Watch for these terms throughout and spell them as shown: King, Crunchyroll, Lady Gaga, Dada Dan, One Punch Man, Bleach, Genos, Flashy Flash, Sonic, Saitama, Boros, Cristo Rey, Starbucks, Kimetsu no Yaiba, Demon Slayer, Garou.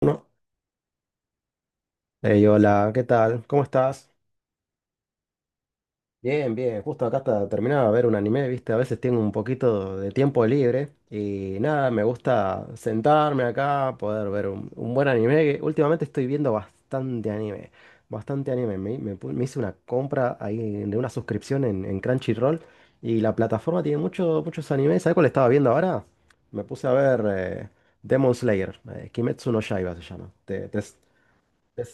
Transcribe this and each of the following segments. Uno. Ey, hola, ¿qué tal? ¿Cómo estás? Bien, bien. Justo acá está terminaba de ver un anime, ¿viste? A veces tengo un poquito de tiempo libre y nada, me gusta sentarme acá, poder ver un buen anime. Que Últimamente estoy viendo bastante anime, bastante anime. Me hice una compra ahí de una suscripción en Crunchyroll y la plataforma tiene muchos animes. ¿Sabes cuál estaba viendo ahora? Me puse a ver Demon Slayer, Kimetsu no Yaiba se llama. Te-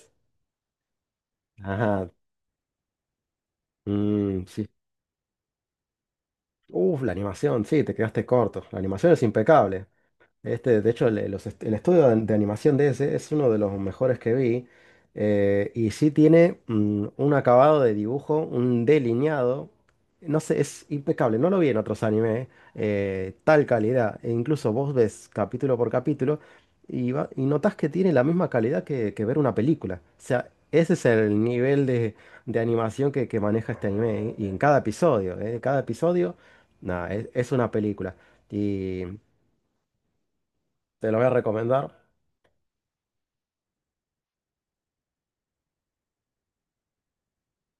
Ajá. Mm, sí. Uf, la animación, sí, te quedaste corto. La animación es impecable. Este, de hecho, el estudio de animación de ese es uno de los mejores que vi. Y sí tiene un acabado de dibujo, un delineado. No sé, es impecable. No lo vi en otros animes, tal calidad. E incluso vos ves capítulo por capítulo y notás que tiene la misma calidad que ver una película. O sea, ese es el nivel de animación que maneja este anime. Y en cada episodio, nada, es una película. Y. Te lo voy a recomendar.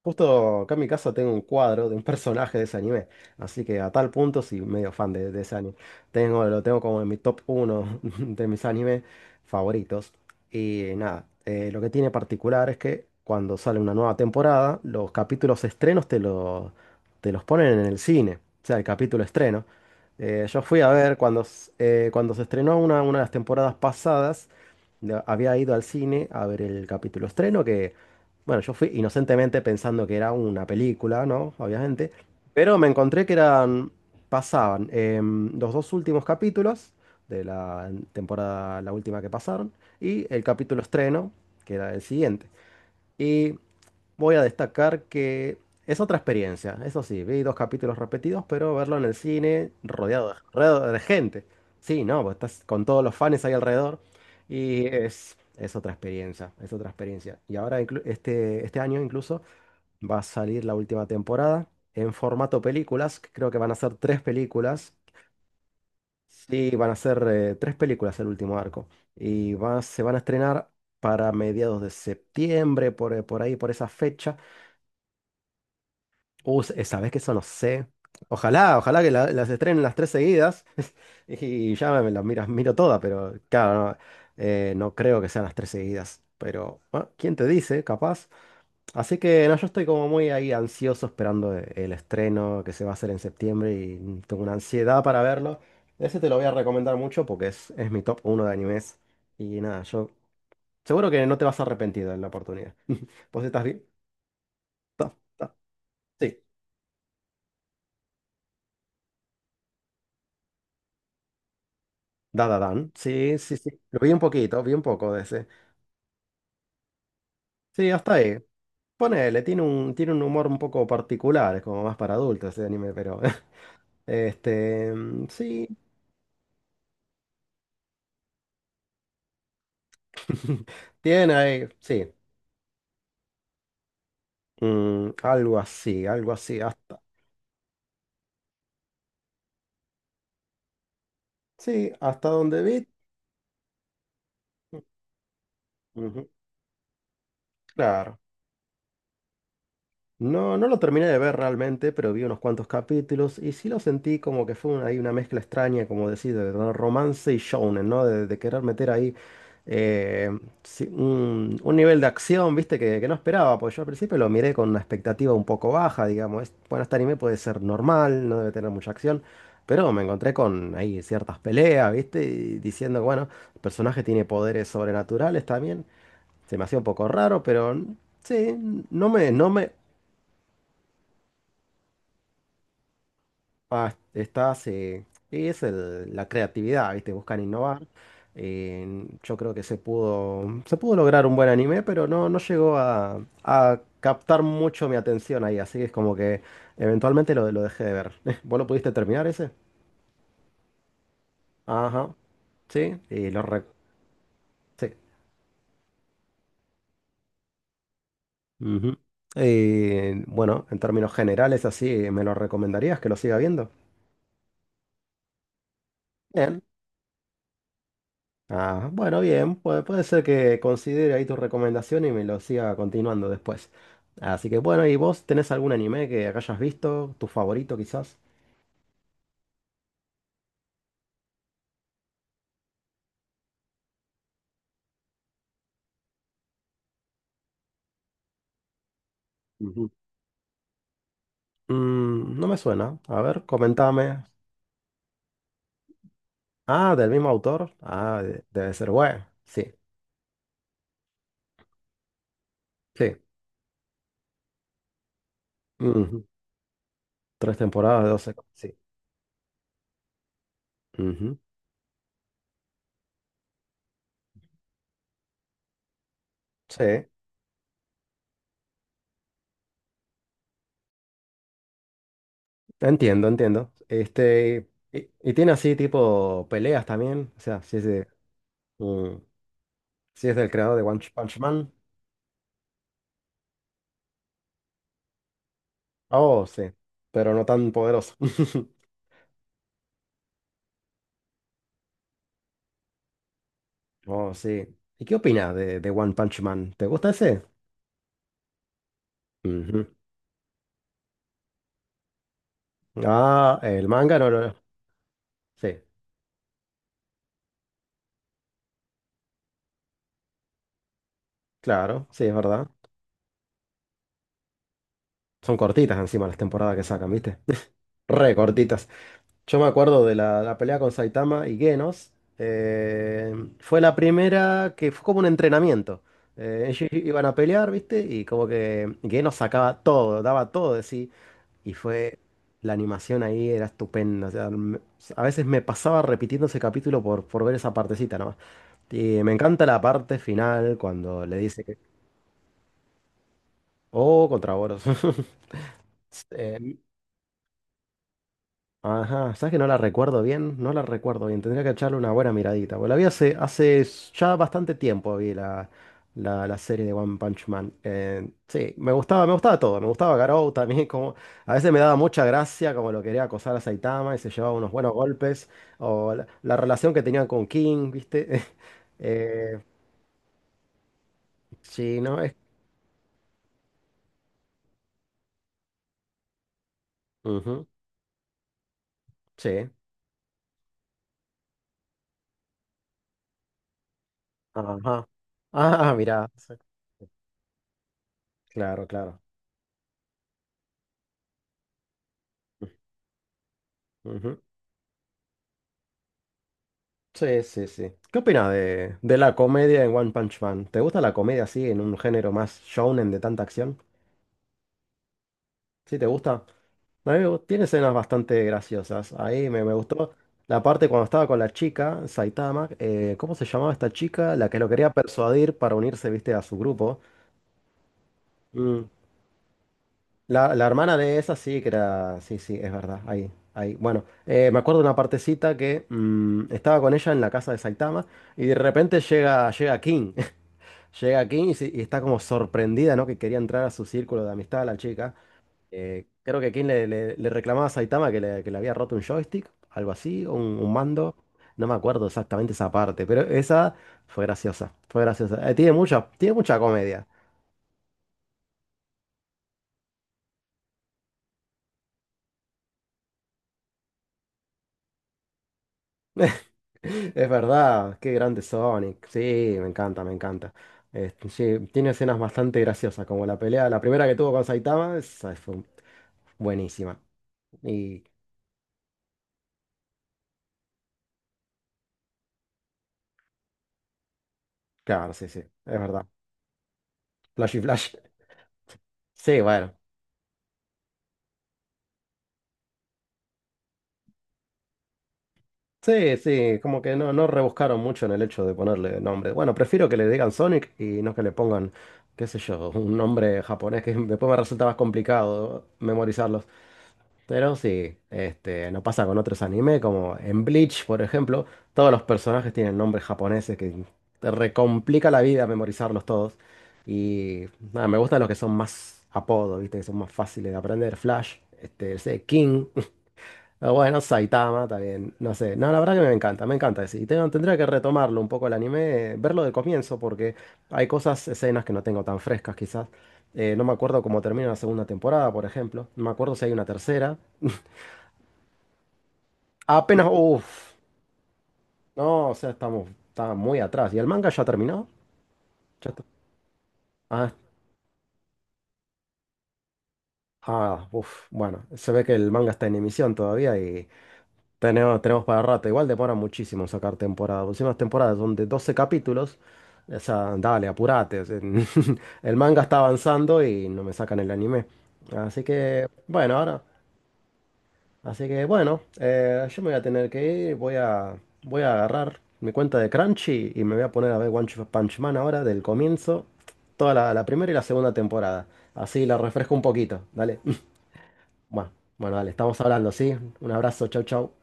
Justo acá en mi casa tengo un cuadro de un personaje de ese anime. Así que a tal punto sí, medio fan de ese anime. Tengo, lo tengo como en mi top uno de mis animes favoritos. Y nada, lo que tiene particular es que cuando sale una nueva temporada, los capítulos estrenos te los ponen en el cine. O sea, el capítulo estreno. Yo fui a ver cuando se estrenó una de las temporadas pasadas. Había ido al cine a ver el capítulo estreno que... Bueno, yo fui inocentemente pensando que era una película, ¿no? Obviamente. Pero me encontré que eran. Pasaban los dos últimos capítulos de la temporada, la última que pasaron, y el capítulo estreno, que era el siguiente. Y voy a destacar que es otra experiencia, eso sí, vi dos capítulos repetidos, pero verlo en el cine rodeado de gente. Sí, no, vos estás con todos los fans ahí alrededor y es otra experiencia, es otra experiencia. Y ahora este año incluso va a salir la última temporada en formato películas, que creo que van a ser tres películas. Sí, van a ser tres películas el último arco se van a estrenar para mediados de septiembre, por ahí, por esa fecha. Sabes que eso no sé. Ojalá, ojalá las estrenen las tres seguidas y ya miro todas, pero claro, no, no creo que sean las tres seguidas. Pero, bueno, ¿quién te dice? Capaz. Así que no, yo estoy como muy ahí ansioso esperando el estreno que se va a hacer en septiembre y, tengo una ansiedad para verlo. Ese te lo voy a recomendar mucho porque es mi top uno de animes. Y nada, yo seguro que no te vas a arrepentir de la oportunidad. ¿Vos estás bien? Sí. Dada Dan. Sí, sí, sí. Lo vi un poquito, vi un poco de ese. Sí, hasta ahí. Ponele, tiene un humor un poco particular, es como más para adultos ese anime, pero. Este. Sí. Tiene ahí, sí. Algo así, algo así. Hasta, sí, hasta donde vi. Ujú, claro. No, no lo terminé de ver realmente, pero vi unos cuantos capítulos y sí lo sentí como que fue ahí una mezcla extraña, como decir, de romance y shounen, ¿no? De querer meter ahí, eh, sí, un nivel de acción, ¿viste? Que no esperaba, porque yo al principio lo miré con una expectativa un poco baja, digamos. Bueno, este anime puede ser normal, no debe tener mucha acción, pero me encontré con ahí ciertas peleas, ¿viste? Y diciendo, bueno, el personaje tiene poderes sobrenaturales también. Se me hacía un poco raro, pero... Sí, no me Ah, estás, y la creatividad, ¿viste? Buscan innovar. Yo creo que se pudo lograr un buen anime, pero no, no llegó a captar mucho mi atención ahí, así que es como que eventualmente lo dejé de ver. ¿Vos lo pudiste terminar ese? Ajá, sí, sí. Ujú. Bueno, en términos generales, así, ¿me lo recomendarías que lo siga viendo? Bien. Ah, bueno, bien, puede, puede ser que considere ahí tu recomendación y me lo siga continuando después. Así que bueno, ¿y vos tenés algún anime que hayas visto? ¿Tu favorito quizás? Ujú. Mm, no me suena. A ver, comentame. Ah, del mismo autor. Ah, debe ser bueno. Sí, sí. Ujú. Tres temporadas de 12. Sí. Ujú. Sí, entiendo, entiendo. Este, y tiene así tipo peleas también. O sea, si es de, mm, si es del creador de One Punch Man. Oh, sí, pero no tan poderoso. Oh, sí. ¿Y qué opinas de One Punch Man? ¿Te gusta ese? Ujú. Ah, el manga no, no, no. Sí, claro, sí, es verdad. Son cortitas encima las temporadas que sacan, ¿viste? Re cortitas. Yo me acuerdo de la, la pelea con Saitama y Genos. eh, Fue la primera que fue como un entrenamiento. Ellos iban a pelear, ¿viste? Y como que Genos sacaba todo, daba todo de sí. Y fue, la animación ahí era estupenda. O sea, a veces me pasaba repitiendo ese capítulo por ver esa partecita nomás. Y me encanta la parte final cuando le dice que, oh, contra Boros. Ajá, ¿sabes que no la recuerdo bien? No la recuerdo bien, tendría que echarle una buena miradita. Bueno, la vi hace, ya bastante tiempo, vi la, la, la serie de One Punch Man. Sí, me gustaba todo, me gustaba Garou también, como a veces me daba mucha gracia como lo quería acosar a Saitama y se llevaba unos buenos golpes, o la relación que tenían con King, ¿viste? Eh, sí, ¿no? Es, ujú, sí, ajá. Ah, mirá, sí, claro, claro. Ujú. Sí, sí, sí. ¿Qué opinas de la comedia en One Punch Man? ¿Te gusta la comedia así, en un género más shonen de tanta acción? ¿Sí te gusta? A mí tiene escenas bastante graciosas. Ahí me gustó la parte cuando estaba con la chica, Saitama. ¿Cómo se llamaba esta chica? La que lo quería persuadir para unirse, viste, a su grupo. Mm, la hermana de esa sí que era... Sí, sí, es verdad. Ahí, ahí. Bueno, me acuerdo de una partecita que, estaba con ella en la casa de Saitama. Y de repente llega, llega King. Llega aquí y, y está como sorprendida, ¿no? Que quería entrar a su círculo de amistad la chica. Creo que King le reclamaba a Saitama que le había roto un joystick, algo así, o un mando. No me acuerdo exactamente esa parte, pero esa fue graciosa. Fue graciosa. Tiene mucha, tiene mucha comedia. Es verdad, qué grande Sonic. Sí, me encanta, me encanta. Este, sí, tiene escenas bastante graciosas, como la pelea, la primera que tuvo con Saitama, esa fue buenísima. Y claro, sí, sí, es verdad. Flashy Flash. Sí, bueno. Sí, sí, como que no, no rebuscaron mucho en el hecho de ponerle nombre. Bueno, prefiero que le digan Sonic y no que le pongan, qué sé yo, un nombre japonés que después me resulta más complicado memorizarlos. Pero sí, este, no pasa con otros anime, como en Bleach, por ejemplo, todos los personajes tienen nombres japoneses que te recomplica la vida memorizarlos todos. Y nada, me gustan los que son más apodos, ¿viste? Que son más fáciles de aprender. Flash, este, ese King. Ah, bueno, Saitama también, no sé. No, la verdad que me encanta ese. Y tendría que retomarlo un poco el anime, verlo del comienzo, porque hay cosas, escenas que no tengo tan frescas quizás. No me acuerdo cómo termina la segunda temporada, por ejemplo. No me acuerdo si hay una tercera. Apenas, uff. No, o sea, estamos, está muy atrás. ¿Y el manga ya terminó? Ya está. Ah, ah, uff. Bueno, se ve que el manga está en emisión todavía y. Tenemos, tenemos para rato. Igual demora muchísimo sacar temporada. Últimas temporadas son de 12 capítulos. O sea, dale, apurate. O sea, el manga está avanzando y no me sacan el anime. Así que, bueno, ahora. Así que, bueno, yo me voy a tener que ir. Voy a, voy a agarrar mi cuenta de Crunchy y me voy a poner a ver One Punch Man ahora, del comienzo. Toda la, la primera y la segunda temporada. Así la refresco un poquito. Dale. Bueno, bueno, dale, estamos hablando, ¿sí? Un abrazo, chau, chau.